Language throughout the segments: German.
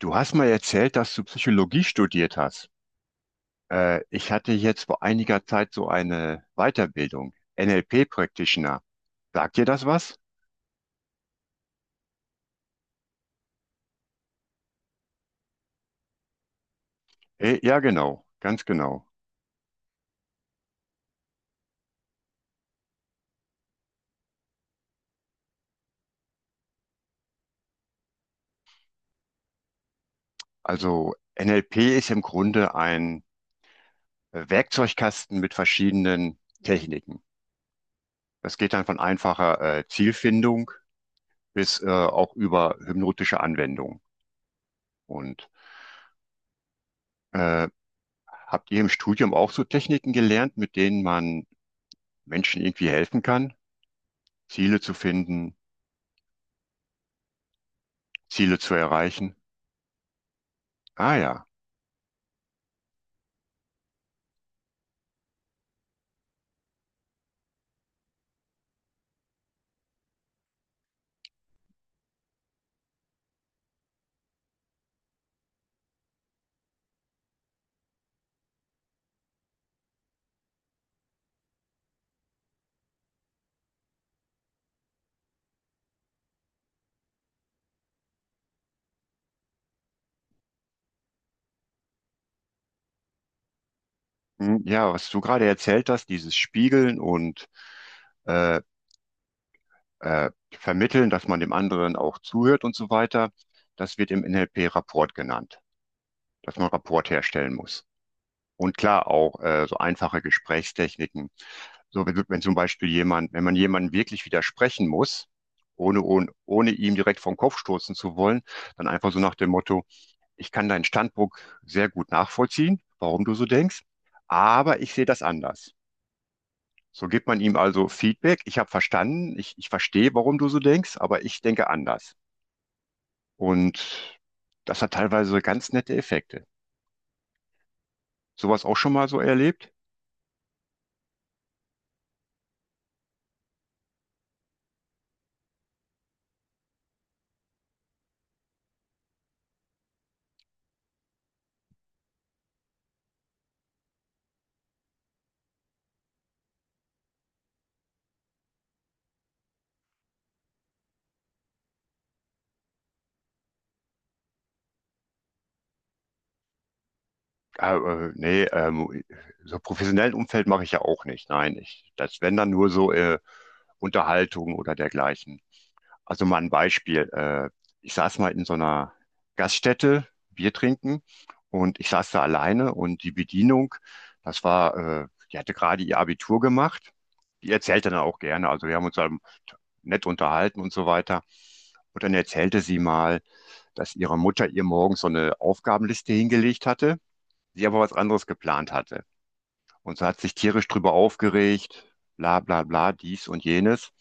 Du hast mal erzählt, dass du Psychologie studiert hast. Ich hatte jetzt vor einiger Zeit so eine Weiterbildung, NLP Practitioner. Sagt dir das was? Ja, genau, ganz genau. Also NLP ist im Grunde ein Werkzeugkasten mit verschiedenen Techniken. Das geht dann von einfacher Zielfindung bis auch über hypnotische Anwendung. Und äh, habt ihr im Studium auch so Techniken gelernt, mit denen man Menschen irgendwie helfen kann? Ziele zu finden, Ziele zu erreichen. Ah ja. Hm, ja, was du gerade erzählt hast, dieses Spiegeln und äh, Vermitteln, dass man dem anderen auch zuhört und so weiter, das wird im NLP Rapport genannt, dass man Rapport herstellen muss. Und klar auch so einfache Gesprächstechniken. So, wenn zum Beispiel jemand, wenn man jemanden wirklich widersprechen muss, ohne ihm direkt vom Kopf stoßen zu wollen, dann einfach so nach dem Motto, ich kann deinen Standpunkt sehr gut nachvollziehen, warum du so denkst, aber ich sehe das anders. So gibt man ihm also Feedback, ich habe verstanden, ich verstehe, warum du so denkst, aber ich denke anders. Und das hat teilweise ganz nette Effekte. Sowas auch schon mal so erlebt? Nee, so professionellen Umfeld mache ich ja auch nicht. Nein, ich, das wenn dann nur so Unterhaltung oder dergleichen. Also mal ein Beispiel. Ich saß mal in so einer Gaststätte, Bier trinken und ich saß da alleine und die Bedienung, das war, die hatte gerade ihr Abitur gemacht. Die erzählte dann auch gerne. Also wir haben uns dann nett unterhalten und so weiter. Und dann erzählte sie mal, dass ihre Mutter ihr morgens so eine Aufgabenliste hingelegt hatte, sie aber was anderes geplant hatte. Und so hat sich tierisch drüber aufgeregt, bla bla bla, dies und jenes.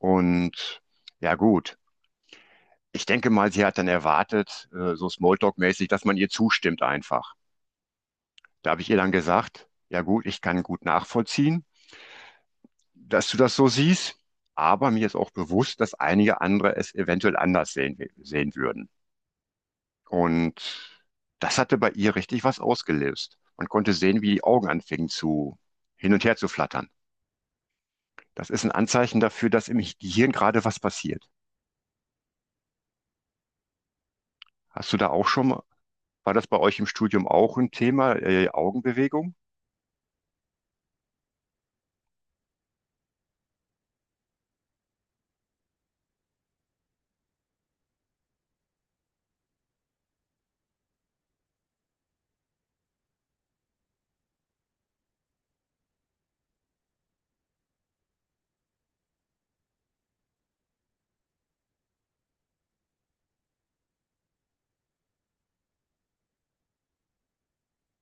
Und ja gut, ich denke mal, sie hat dann erwartet, so Smalltalk-mäßig, dass man ihr zustimmt einfach. Da habe ich ihr dann gesagt, ja gut, ich kann gut nachvollziehen, dass du das so siehst, aber mir ist auch bewusst, dass einige andere es eventuell anders sehen würden. Und das hatte bei ihr richtig was ausgelöst. Man konnte sehen, wie die Augen anfingen zu hin und her zu flattern. Das ist ein Anzeichen dafür, dass im Gehirn gerade was passiert. Hast du da auch schon mal, war das bei euch im Studium auch ein Thema, Augenbewegung?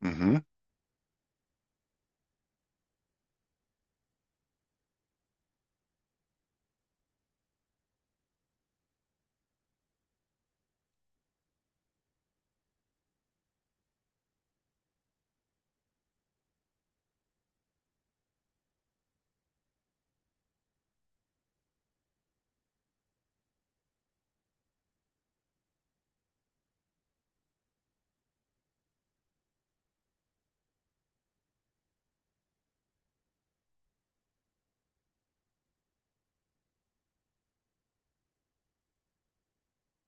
Mhm.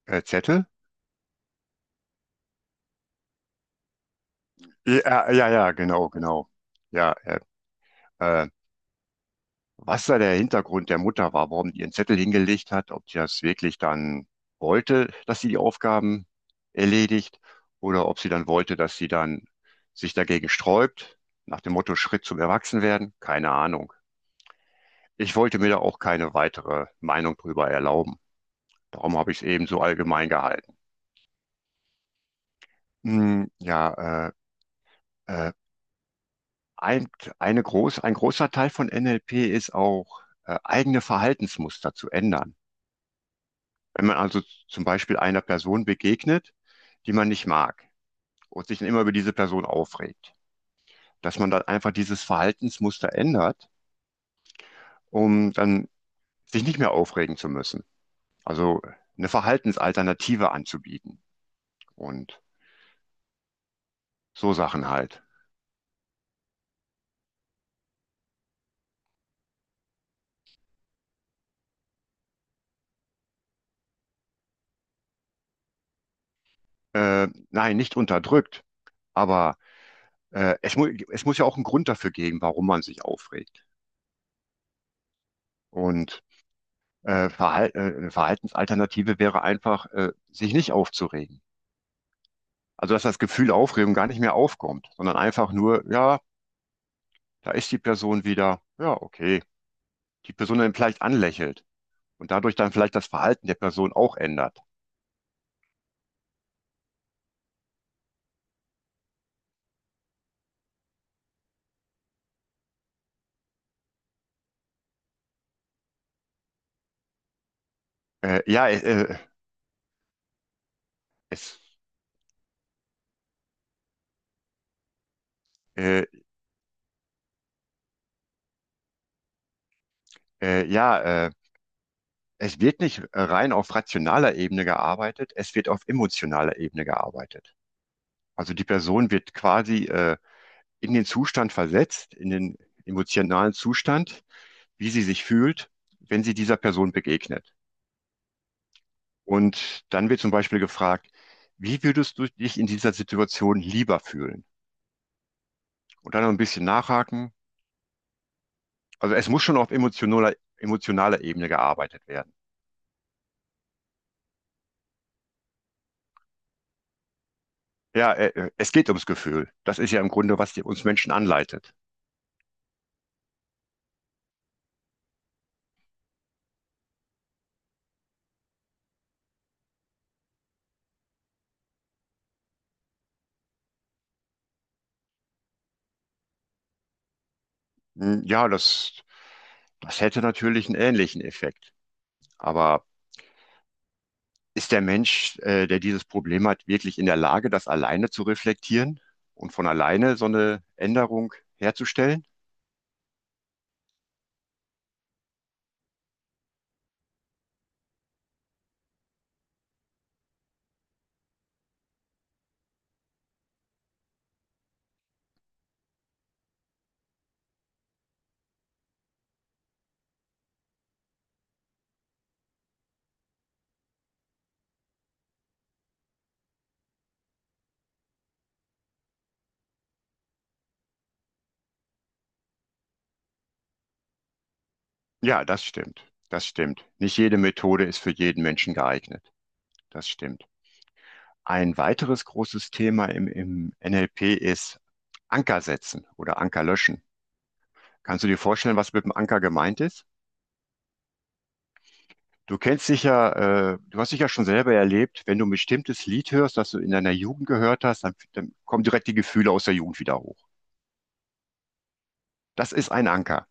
Zettel? Ja, ja, ja, genau, genau. Ja, äh, was da der Hintergrund der Mutter war, warum die ihren Zettel hingelegt hat, ob sie das wirklich dann wollte, dass sie die Aufgaben erledigt oder ob sie dann wollte, dass sie dann sich dagegen sträubt, nach dem Motto Schritt zum Erwachsenwerden, keine Ahnung. Ich wollte mir da auch keine weitere Meinung drüber erlauben. Darum habe ich es eben so allgemein gehalten. Hm, ja, äh, äh, ein, ein großer Teil von NLP ist auch, eigene Verhaltensmuster zu ändern. Wenn man also zum Beispiel einer Person begegnet, die man nicht mag und sich dann immer über diese Person aufregt, dass man dann einfach dieses Verhaltensmuster ändert, um dann sich nicht mehr aufregen zu müssen. Also eine Verhaltensalternative anzubieten und so Sachen halt. Nein, nicht unterdrückt, aber es muss ja auch einen Grund dafür geben, warum man sich aufregt. Und Verhal eine Verhaltensalternative wäre einfach, sich nicht aufzuregen. Also dass das Gefühl Aufregung gar nicht mehr aufkommt, sondern einfach nur, ja, da ist die Person wieder, ja, okay, die Person dann vielleicht anlächelt und dadurch dann vielleicht das Verhalten der Person auch ändert. Ja, es, äh, ja, Es wird nicht rein auf rationaler Ebene gearbeitet, es wird auf emotionaler Ebene gearbeitet. Also die Person wird quasi in den Zustand versetzt, in den emotionalen Zustand, wie sie sich fühlt, wenn sie dieser Person begegnet. Und dann wird zum Beispiel gefragt, wie würdest du dich in dieser Situation lieber fühlen? Und dann noch ein bisschen nachhaken. Also es muss schon auf emotionaler Ebene gearbeitet werden. Ja, es geht ums Gefühl. Das ist ja im Grunde, was die, uns Menschen anleitet. Hm, ja, das hätte natürlich einen ähnlichen Effekt. Aber ist der Mensch, der dieses Problem hat, wirklich in der Lage, das alleine zu reflektieren und von alleine so eine Änderung herzustellen? Ja, das stimmt. Das stimmt. Nicht jede Methode ist für jeden Menschen geeignet. Das stimmt. Ein weiteres großes Thema im NLP ist Anker setzen oder Anker löschen. Kannst du dir vorstellen, was mit dem Anker gemeint ist? Du kennst sicher, du hast sicher schon selber erlebt, wenn du ein bestimmtes Lied hörst, das du in deiner Jugend gehört hast, dann kommen direkt die Gefühle aus der Jugend wieder hoch. Das ist ein Anker.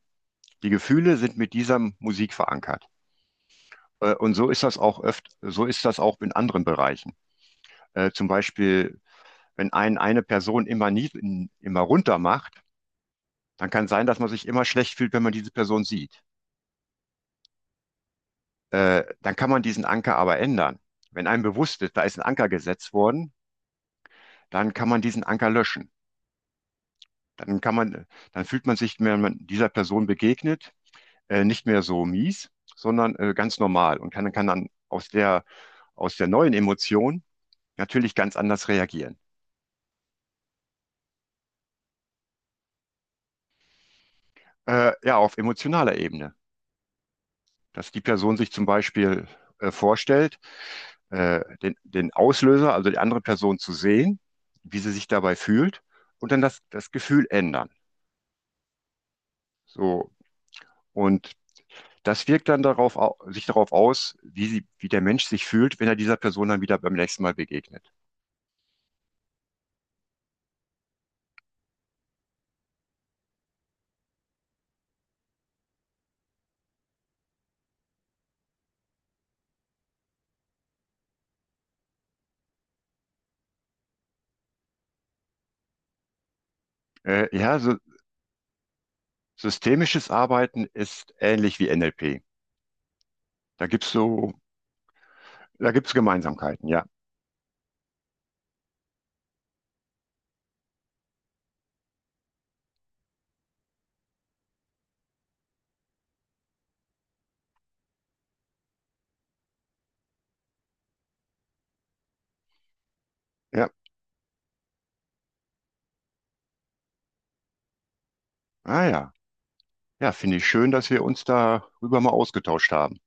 Die Gefühle sind mit dieser Musik verankert. So ist das auch in anderen Bereichen. Zum Beispiel, wenn eine Person immer nie, immer runter macht, dann kann sein, dass man sich immer schlecht fühlt, wenn man diese Person sieht. Dann kann man diesen Anker aber ändern. Wenn einem bewusst ist, da ist ein Anker gesetzt worden, dann kann man diesen Anker löschen. Dann kann man, Dann fühlt man sich, wenn man dieser Person begegnet, nicht mehr so mies, sondern ganz normal und kann dann aus der neuen Emotion natürlich ganz anders reagieren. Ja, auf emotionaler Ebene, dass die Person sich zum Beispiel vorstellt, den Auslöser, also die andere Person zu sehen, wie sie sich dabei fühlt und dann das Gefühl ändern. So, und das wirkt dann sich darauf aus, wie der Mensch sich fühlt, wenn er dieser Person dann wieder beim nächsten Mal begegnet. Äh, ja, so, Systemisches Arbeiten ist ähnlich wie NLP. Da gibt's so, Da gibt's Gemeinsamkeiten, ja. Ja. Ah ja. Ja, finde ich schön, dass wir uns darüber mal ausgetauscht haben.